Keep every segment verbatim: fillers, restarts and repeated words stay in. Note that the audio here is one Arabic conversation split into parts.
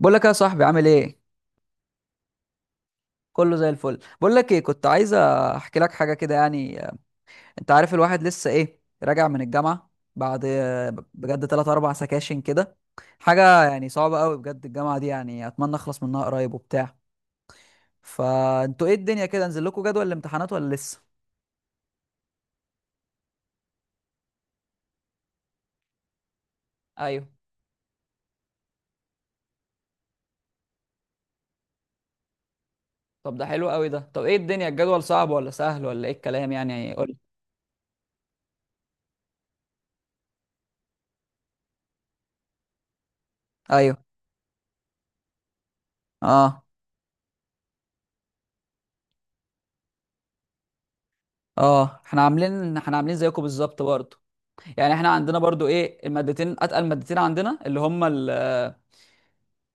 بقول لك يا صاحبي عامل ايه. كله زي الفل. بقول لك ايه، كنت عايز احكي لك حاجه كده يعني آه، انت عارف الواحد لسه ايه راجع من الجامعه بعد آه، بجد ثلاث اربعة سكاشن كده. حاجه يعني صعبه قوي بجد، الجامعه دي يعني اتمنى اخلص منها قريب وبتاع. فانتوا ايه الدنيا، كده نزل لكم جدول الامتحانات ولا لسه؟ ايوه. طب ده حلو قوي ده. طب ايه الدنيا الجدول صعب ولا سهل ولا ايه الكلام يعني؟ قول. ايوه. اه. اه. احنا عاملين احنا عاملين زيكم بالظبط برضه. يعني احنا عندنا برضو ايه المادتين اتقل مادتين عندنا اللي هم ال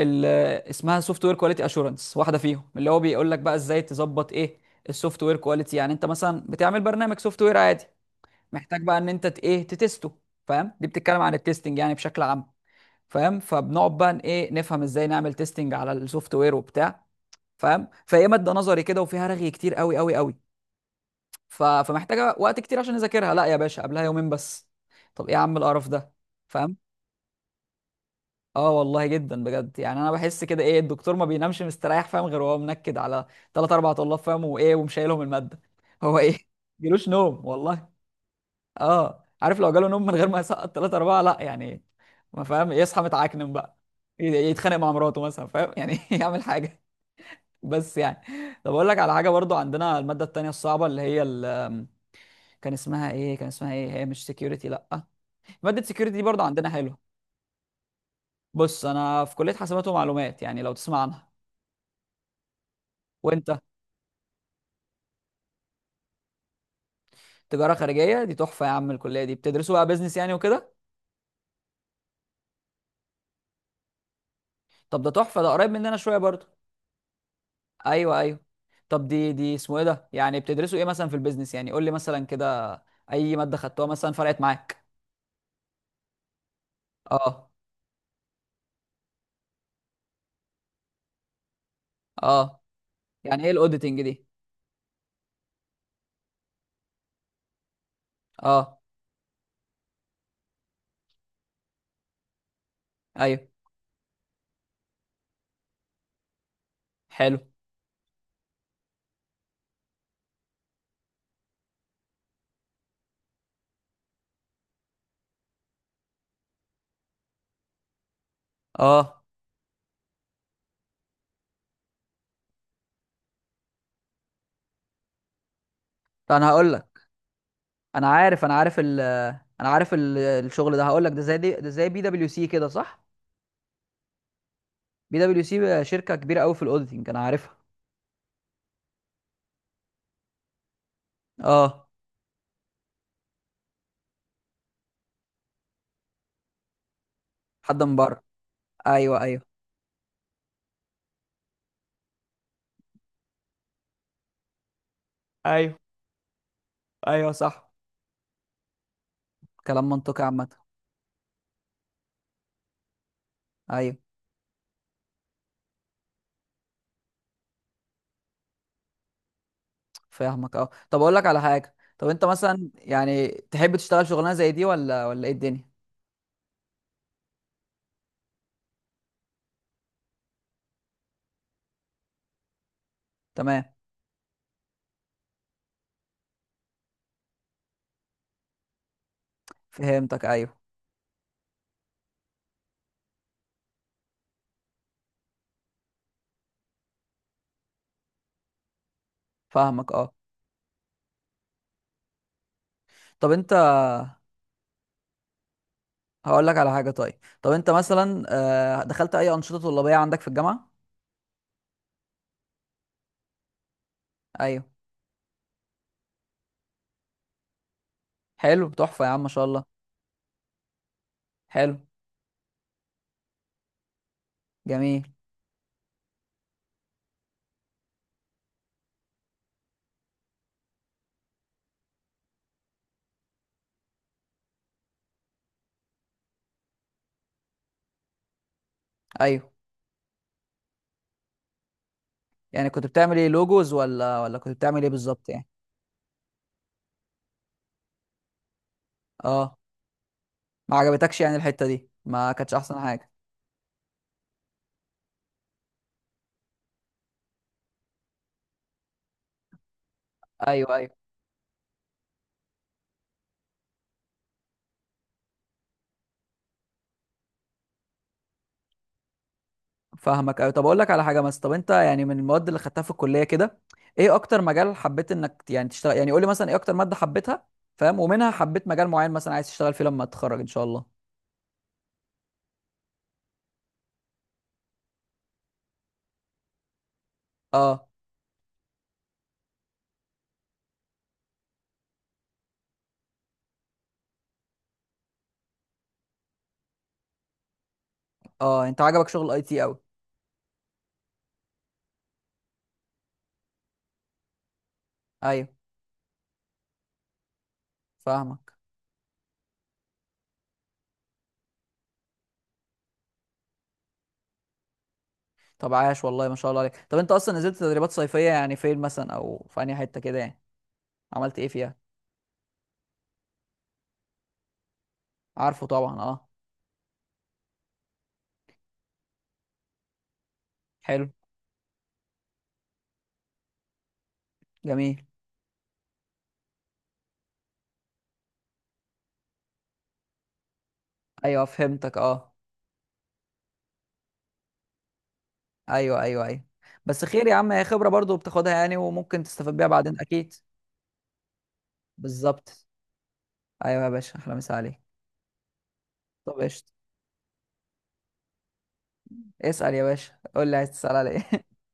ال اسمها سوفت وير كواليتي اشورنس، واحده فيهم اللي هو بيقول لك بقى ازاي تظبط ايه السوفت وير كواليتي. يعني انت مثلا بتعمل برنامج سوفت وير عادي محتاج بقى ان انت ت- ايه تتسته فاهم؟ دي بتتكلم عن التستنج يعني بشكل عام. فاهم؟ فبنقعد بقى ن- ايه نفهم ازاي نعمل تيستنج على السوفت وير وبتاع. فاهم؟ فهي ماده نظري كده وفيها رغي كتير قوي قوي قوي. ف... فمحتاجه وقت كتير عشان اذاكرها، لا يا باشا قبلها يومين بس. طب ايه يا عم القرف ده؟ فاهم؟ اه والله جدا بجد. يعني انا بحس كده ايه الدكتور ما بينامش مستريح، فاهم، غير وهو منكد على ثلاث اربع طلاب، فاهم، وايه ومشايلهم الماده. هو ايه جلوش نوم والله. اه عارف لو جاله نوم من غير ما يسقط ثلاثة أربعة لا يعني. ما فاهم يصحى متعكنم بقى ي- يتخانق مع مراته مثلا، فاهم يعني يعمل حاجة بس يعني. طب أقول لك على حاجة برضو، عندنا المادة التانية الصعبة اللي هي ال- كان اسمها إيه كان اسمها إيه، هي مش سكيورتي لأ، مادة سكيورتي دي برضو عندنا حلوة. بص أنا في كلية حاسبات ومعلومات، يعني لو تسمع عنها. وأنت؟ تجاره خارجيه دي تحفه يا عم، الكليه دي بتدرسوا بقى بيزنس يعني وكده. طب ده تحفه ده، قريب مننا شويه برضو. ايوه ايوه. طب دي دي اسمه ايه ده يعني بتدرسوا ايه مثلا في البيزنس، يعني قول لي مثلا كده اي ماده خدتوها مثلا فرقت معاك. اه. اه. يعني ايه الاوديتنج دي؟ اه. ايوه. حلو. اه. طب انا هقول لك، انا عارف انا عارف ال انا عارف ال- الشغل ده، هقول لك ده زي دي، ده زي بي دبليو سي كده صح؟ بي دبليو سي شركه كبيره قوي في الاوديتنج انا عارفها. اه. حد من بره. ايوه ايوه. ايوه. ايوه صح. كلام منطقي عامة. ايوه. فاهمك. اه طب اقول لك على حاجة، طب انت مثلا يعني تحب تشتغل شغلانة زي دي ولا ولا ايه الدنيا؟ تمام. فهمتك. ايوه. فاهمك اه. طب انت هقول لك على حاجة، طيب طب انت مثلا آه، دخلت اي أنشطة طلابية عندك في الجامعة؟ ايوه. حلو تحفة يا عم ما شاء الله. حلو. جميل. ايوه يعني كنت بتعمل ايه لوجوز ولا ولا كنت بتعمل ايه بالظبط يعني؟ اه ما عجبتكش يعني الحتة دي، ما كانتش احسن حاجة. ايوه ايوه. فاهمك أوي. طب اقول لك على حاجه مثلا، طب انت يعني من المواد اللي خدتها في الكليه كده، ايه اكتر مجال حبيت انك يعني تشتغل، يعني قول لي مثلا ايه اكتر ماده حبيتها. فاهم؟ ومنها حبيت مجال معين مثلا عايز تشتغل فيه لما تتخرج ان شاء الله. اه اه انت عجبك شغل اي تي قوي؟ ايوه فاهمك. طب عاش والله ما شاء الله عليك. طب انت اصلا نزلت تدريبات صيفيه يعني فين مثلا او في انهي حته كده يعني عملت ايه فيها؟ عارفه طبعا اه. حلو. جميل. ايوه. فهمتك اه. ايوه ايوه ايوه. بس خير يا عم، هي خبره برضو بتاخدها يعني وممكن تستفاد بيها بعدين اكيد. بالظبط. ايوه يا باشا، احلى مسا عليك. طب قشطة. اسأل يا باشا، قول لي عايز تسأل على ايه؟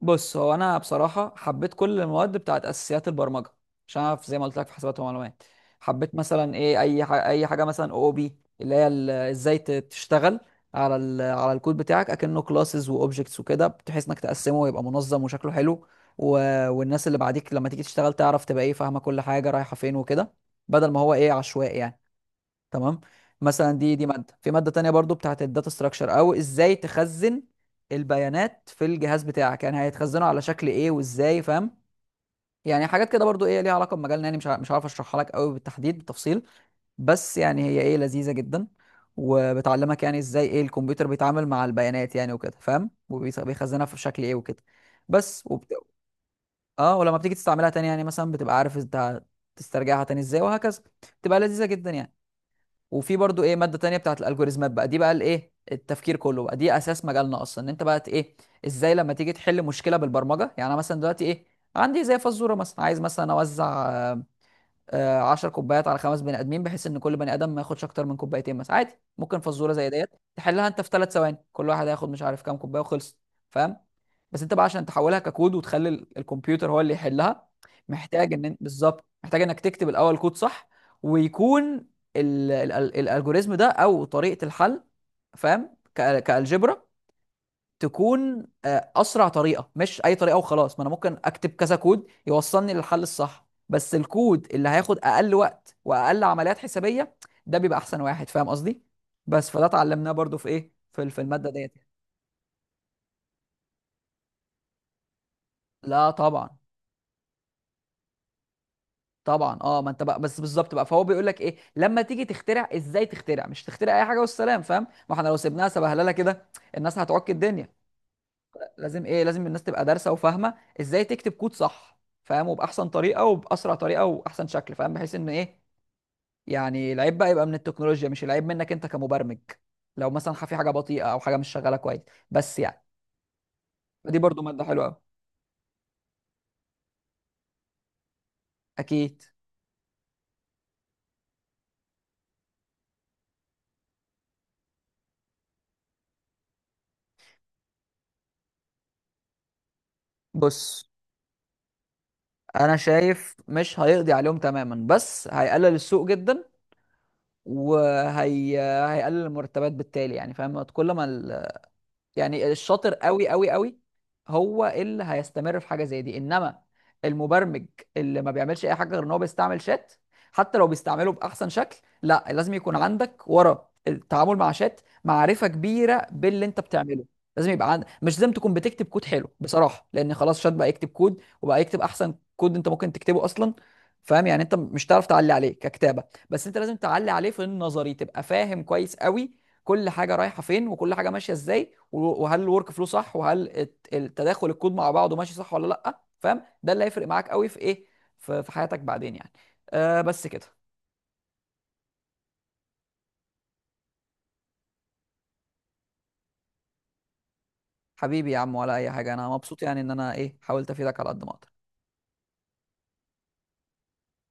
بص هو انا بصراحة حبيت كل المواد بتاعت اساسيات البرمجة، عشان انا زي ما قلت لك في حسابات ومعلومات. حبيت مثلا ايه اي حاجة اي حاجة مثلا او بي، اللي هي ال- ازاي ت- تشتغل على ال على الكود بتاعك اكنه كلاسز واوبجكتس وكده، بحيث انك تقسمه ويبقى منظم وشكله حلو، و... والناس اللي بعديك لما تيجي تشتغل تعرف تبقى ايه فاهمة كل حاجة رايحة فين وكده، بدل ما هو ايه عشوائي يعني. تمام. مثلا دي دي ماده، في ماده تانية برضو بتاعت الداتا ستراكشر، او ازاي تخزن البيانات في الجهاز بتاعك، يعني هيتخزنوا على شكل ايه وازاي. فاهم؟ يعني حاجات كده برضو ايه ليها علاقه بمجالنا يعني، مش ع- مش عارف اشرحها لك قوي بالتحديد بالتفصيل، بس يعني هي ايه لذيذه جدا. وبتعلمك يعني ازاي ايه الكمبيوتر بيتعامل مع البيانات، يعني وكده فاهم، وبيخزنها في شكل ايه وكده. بس وبت... اه ولما بتيجي تستعملها تاني يعني مثلا بتبقى عارف انت تسترجعها تاني ازاي وهكذا، بتبقى لذيذه جدا يعني. وفي برضو ايه ماده تانية بتاعت الالجوريزمات بقى، دي بقى الايه التفكير كله، بقى دي اساس مجالنا اصلا، ان انت بقى ت- ايه ازاي لما تيجي تحل مشكله بالبرمجه. يعني انا مثلا دلوقتي ايه عندي زي فزوره مثلا، عايز مثلا اوزع آه، آه، عشر كوبايات على خمس بني ادمين، بحيث ان كل بني ادم ما ياخدش اكتر من كوبايتين مثلا عادي. ممكن فزوره زي ديت تحلها انت في ثلاث ثواني، كل واحد هياخد مش عارف كام كوبايه وخلص. فاهم؟ بس انت بقى عشان تحولها ككود وتخلي ال- الكمبيوتر هو اللي يحلها، محتاج ان إن- بالظبط محتاج انك تكتب الاول كود صح، ويكون ال- ال- ال- الالجوريزم ده او طريقه الحل، فاهم، كالجبرا، تكون آه، اسرع طريقه مش اي طريقه وخلاص. ما انا ممكن اكتب كذا كود يوصلني للحل الصح، بس الكود اللي هياخد اقل وقت واقل عمليات حسابيه ده بيبقى احسن واحد فاهم قصدي. بس فده اتعلمناه برضو في ايه في ال- في الماده ديت. لا طبعا. طبعا اه، ما انت بقى بس بالظبط بقى. فهو بيقول لك ايه لما تيجي تخترع ازاي تخترع، مش تخترع اي حاجه والسلام. فاهم؟ ما احنا لو سيبناها سبهلله كده الناس هتعك الدنيا. لازم ايه لازم الناس تبقى دارسه وفاهمه، ازاي تكتب كود صح. فاهم، وباحسن طريقه وباسرع طريقه واحسن شكل، فاهم، بحيث ان ايه يعني العيب بقى يبقى من التكنولوجيا مش العيب منك انت كمبرمج، لو مثلا في حاجه بطيئه او حاجه مش شغاله كويس. بس يعني. فدي برضو ماده حلوه قوي. اكيد. بص انا شايف مش هيقضي عليهم تماما، بس هيقلل السوق جدا، وهي هيقلل المرتبات بالتالي. يعني فاهم كل ما ال- يعني الشاطر قوي قوي قوي هو اللي هيستمر في حاجه زي دي. انما المبرمج اللي ما بيعملش اي حاجه غير ان هو بيستعمل شات، حتى لو بيستعمله باحسن شكل، لا لازم يكون عندك ورا التعامل مع شات معرفه كبيره باللي انت بتعمله. لازم يبقى عندك مش لازم تكون بتكتب كود حلو بصراحه، لان خلاص شات بقى يكتب كود وبقى يكتب احسن كود انت ممكن تكتبه اصلا. فاهم؟ يعني انت مش تعرف تعلي عليه ككتابه، بس انت لازم تعلي عليه في النظري تبقى فاهم كويس قوي، كل حاجه رايحه فين وكل حاجه ماشيه ازاي، و- وهل الورك فلو صح، وهل الت- التداخل الكود مع بعضه ماشي صح ولا لا. فاهم؟ ده اللي هيفرق معاك قوي في ايه في في حياتك بعدين يعني. آه بس كده. حبيبي يا عم ولا اي حاجه، انا مبسوط يعني ان انا ايه حاولت افيدك على قد ما اقدر.